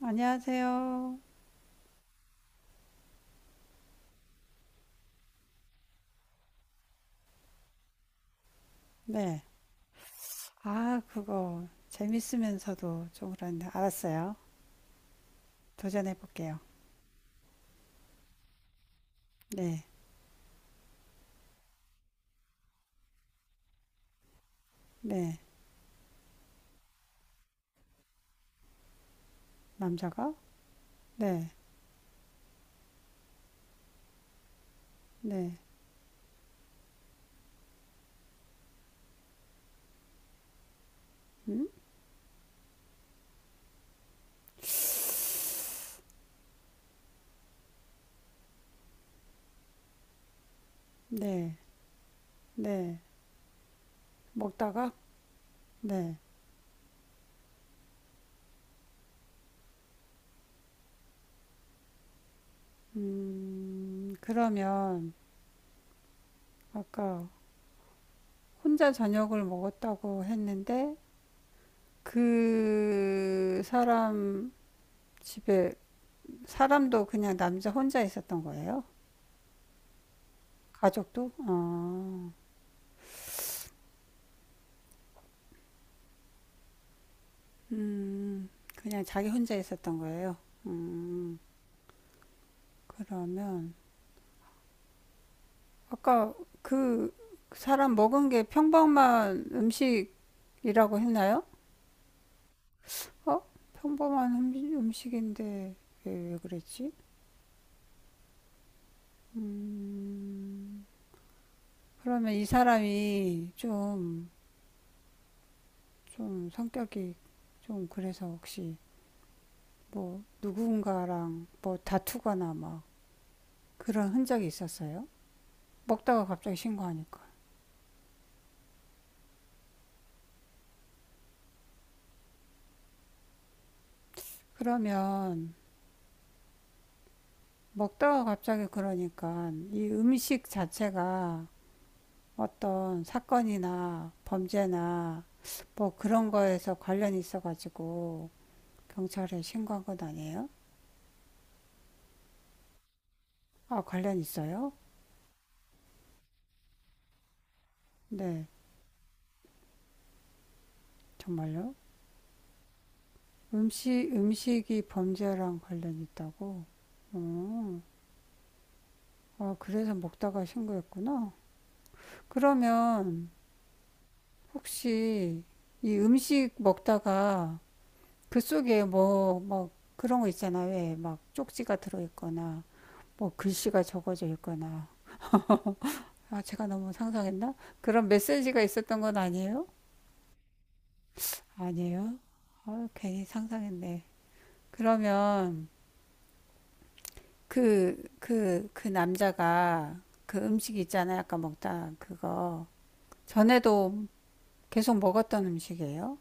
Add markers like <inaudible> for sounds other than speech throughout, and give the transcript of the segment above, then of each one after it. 안녕하세요. 네. 아, 그거 재밌으면서도 좀 그런데 알았어요. 도전해 볼게요. 네. 네. 남자가? 네. 네. 음? 네. 네. 먹다가? 네. 그러면 아까 혼자 저녁을 먹었다고 했는데 그 사람 집에 사람도 그냥 남자 혼자 있었던 거예요? 가족도? 아. 음, 그냥 자기 혼자 있었던 거예요. 음, 그러면 아까 그 사람 먹은 게 평범한 음식이라고 했나요? 어? 평범한 음식인데 왜 그랬지? 그러면 이 사람이 좀, 좀 성격이 좀 그래서 혹시 뭐 누군가랑 뭐 다투거나 막 그런 흔적이 있었어요? 먹다가 갑자기 신고하니까. 그러면 먹다가 갑자기 그러니까 이 음식 자체가 어떤 사건이나 범죄나 뭐 그런 거에서 관련이 있어가지고 경찰에 신고한 건 아니에요? 아, 관련 있어요? 네, 정말요? 음식, 음식이 범죄랑 관련이 있다고? 아, 그래서 먹다가 신고했구나. 그러면 혹시 이 음식 먹다가 그 속에 뭐, 막 그런 거 있잖아. 왜 막 쪽지가 들어있거나 뭐 글씨가 적어져 있거나 <laughs> 아 제가 너무 상상했나? 그런 메시지가 있었던 건 아니에요? 아니에요. 아, 괜히 상상했네. 그러면 그 남자가 그 음식 있잖아요. 아까 먹다 그거. 전에도 계속 먹었던 음식이에요?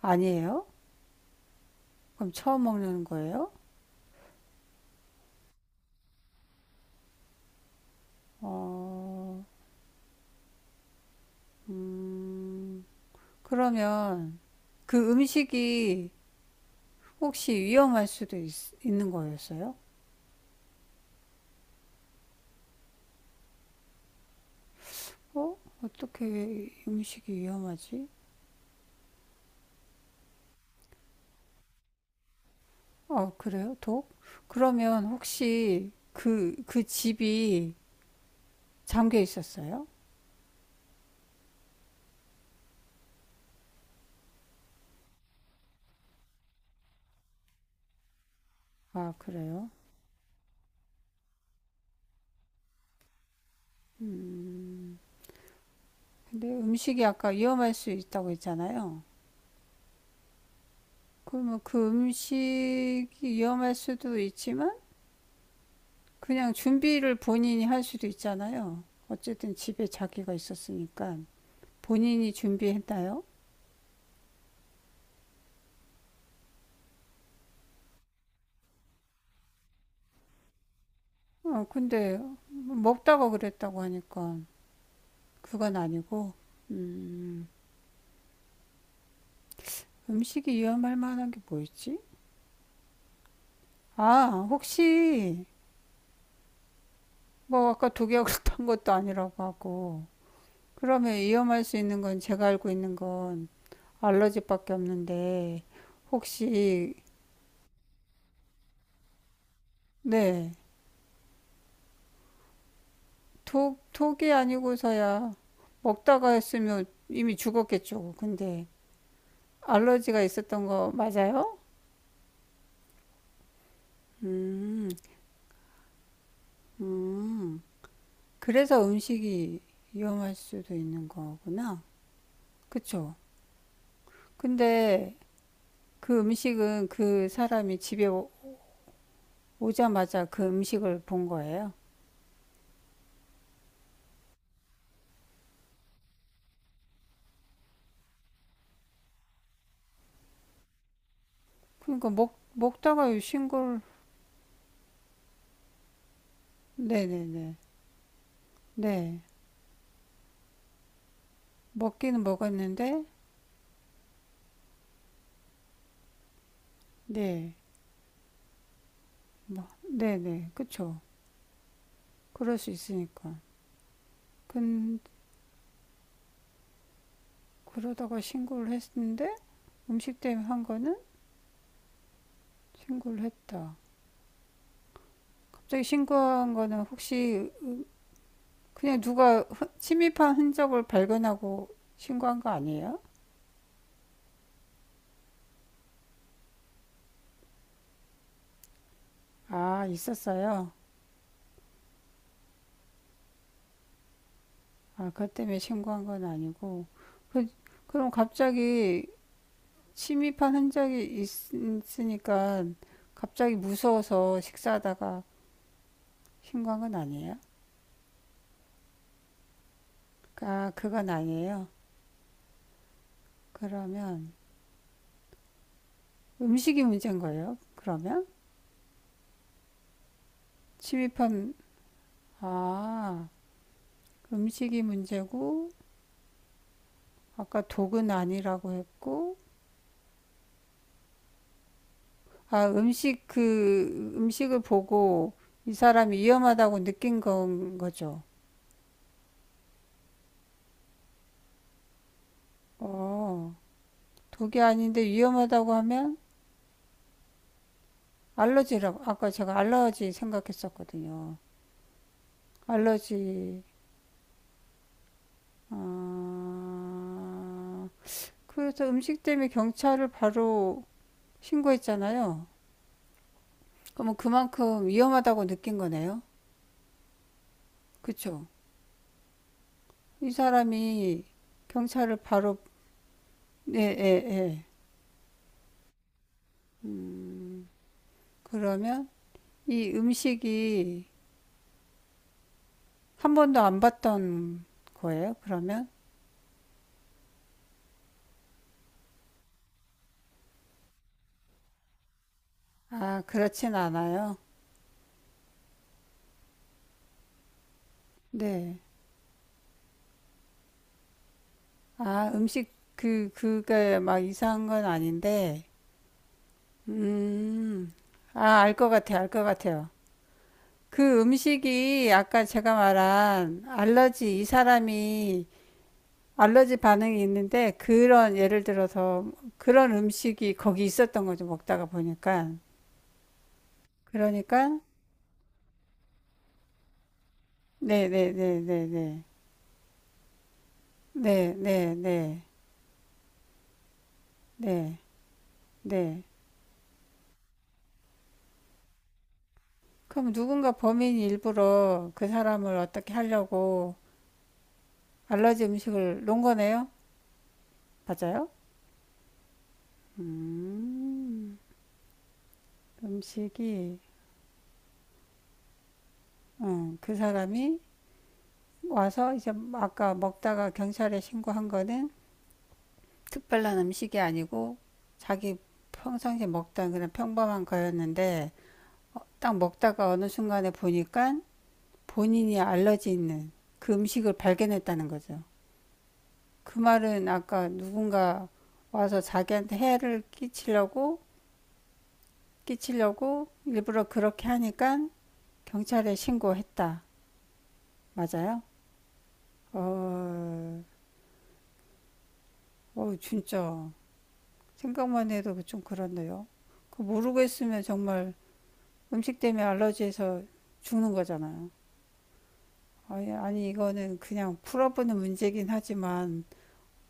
아니에요? 그럼 처음 먹는 거예요? 어, 음, 그러면 그 음식이 혹시 위험할 수도 있는 거였어요? 어? 어떻게 음식이 위험하지? 아, 그래요? 독? 그러면 혹시 그 집이 잠겨 있었어요? 아, 그래요? 근데 음식이 아까 위험할 수 있다고 했잖아요. 그러면 그 음식이 위험할 수도 있지만 그냥 준비를 본인이 할 수도 있잖아요. 어쨌든 집에 자기가 있었으니까 본인이 준비했나요? 어, 근데 먹다가 그랬다고 하니까 그건 아니고, 음. 음식이 위험할 만한 게 뭐 있지? 아, 혹시 뭐 아까 독약을 탄 것도 아니라고 하고 그러면 위험할 수 있는 건 제가 알고 있는 건 알러지밖에 없는데 혹시 네, 독, 독이 아니고서야 먹다가 했으면 이미 죽었겠죠. 근데 알러지가 있었던 거 맞아요? 음, 음. 그래서 음식이 위험할 수도 있는 거구나. 그쵸? 근데 그 음식은 그 사람이 집에 오자마자 그 음식을 본 거예요. 그러니까 먹다가 신고를, 네네네. 네. 먹기는 먹었는데, 네. 뭐, 네네. 그쵸. 그럴 수 있으니까. 근, 그러다가 신고를 했는데, 음식 때문에 한 거는 신고를 했다. 갑자기 신고한 거는 혹시 그냥 누가 침입한 흔적을 발견하고 신고한 거 아니에요? 아, 있었어요. 아, 그것 때문에 신고한 건 아니고. 그, 그럼 갑자기 침입한 흔적이 있으니까 갑자기 무서워서 식사하다가 신고한 건 아니에요? 아, 그건 아니에요. 그러면 음식이 문제인 거예요? 그러면? 침입한, 아, 음식이 문제고, 아까 독은 아니라고 했고, 아, 음식, 그, 음식을 보고 이 사람이 위험하다고 느낀 건 거죠. 어, 독이 아닌데 위험하다고 하면 알러지라고 아까 제가 알러지 생각했었거든요. 알러지 아, 그래서 음식 때문에 경찰을 바로 신고했잖아요. 그러면 그만큼 위험하다고 느낀 거네요. 그쵸? 이 사람이 경찰을 바로 예, 예, 예. 음, 그러면 이 음식이 한 번도 안 봤던 거예요, 그러면? 아, 그렇진 않아요. 네. 아, 음식 그 그게 막 이상한 건 아닌데. 음. 아, 알 것 같아요. 알 것 같아요. 그 음식이 아까 제가 말한 알러지 이 사람이 알러지 반응이 있는데 그런 예를 들어서 그런 음식이 거기 있었던 거죠. 먹다가 보니까. 그러니까 네, 네, 네, 네, 네. 네, 네, 네. 네. 네. 그럼 누군가 범인이 일부러 그 사람을 어떻게 하려고 알러지 음식을 놓은 거네요. 맞아요? 음식이 그 사람이 와서 이제 아까 먹다가 경찰에 신고한 거는 특별한 음식이 아니고 자기 평상시에 먹던 그냥 평범한 거였는데 딱 먹다가 어느 순간에 보니까 본인이 알러지 있는 그 음식을 발견했다는 거죠. 그 말은 아까 누군가 와서 자기한테 해를 끼치려고 끼치려고 일부러 그렇게 하니까 경찰에 신고했다. 맞아요? 어, 어, 진짜. 생각만 해도 좀 그렇네요. 그 모르고 했으면 정말 음식 때문에 알러지에서 죽는 거잖아요. 아니, 아니, 이거는 그냥 풀어보는 문제긴 하지만,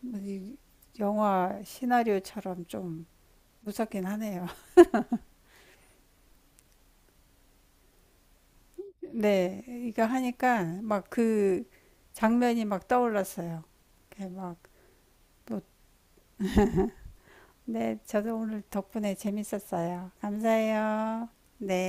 뭐이 영화 시나리오처럼 좀 무섭긴 하네요. <laughs> 네, 이거 하니까 막 그 장면이 막 떠올랐어요. 이렇게 막, 뭐, 네, 저도 오늘 덕분에 재밌었어요. 감사해요. 네.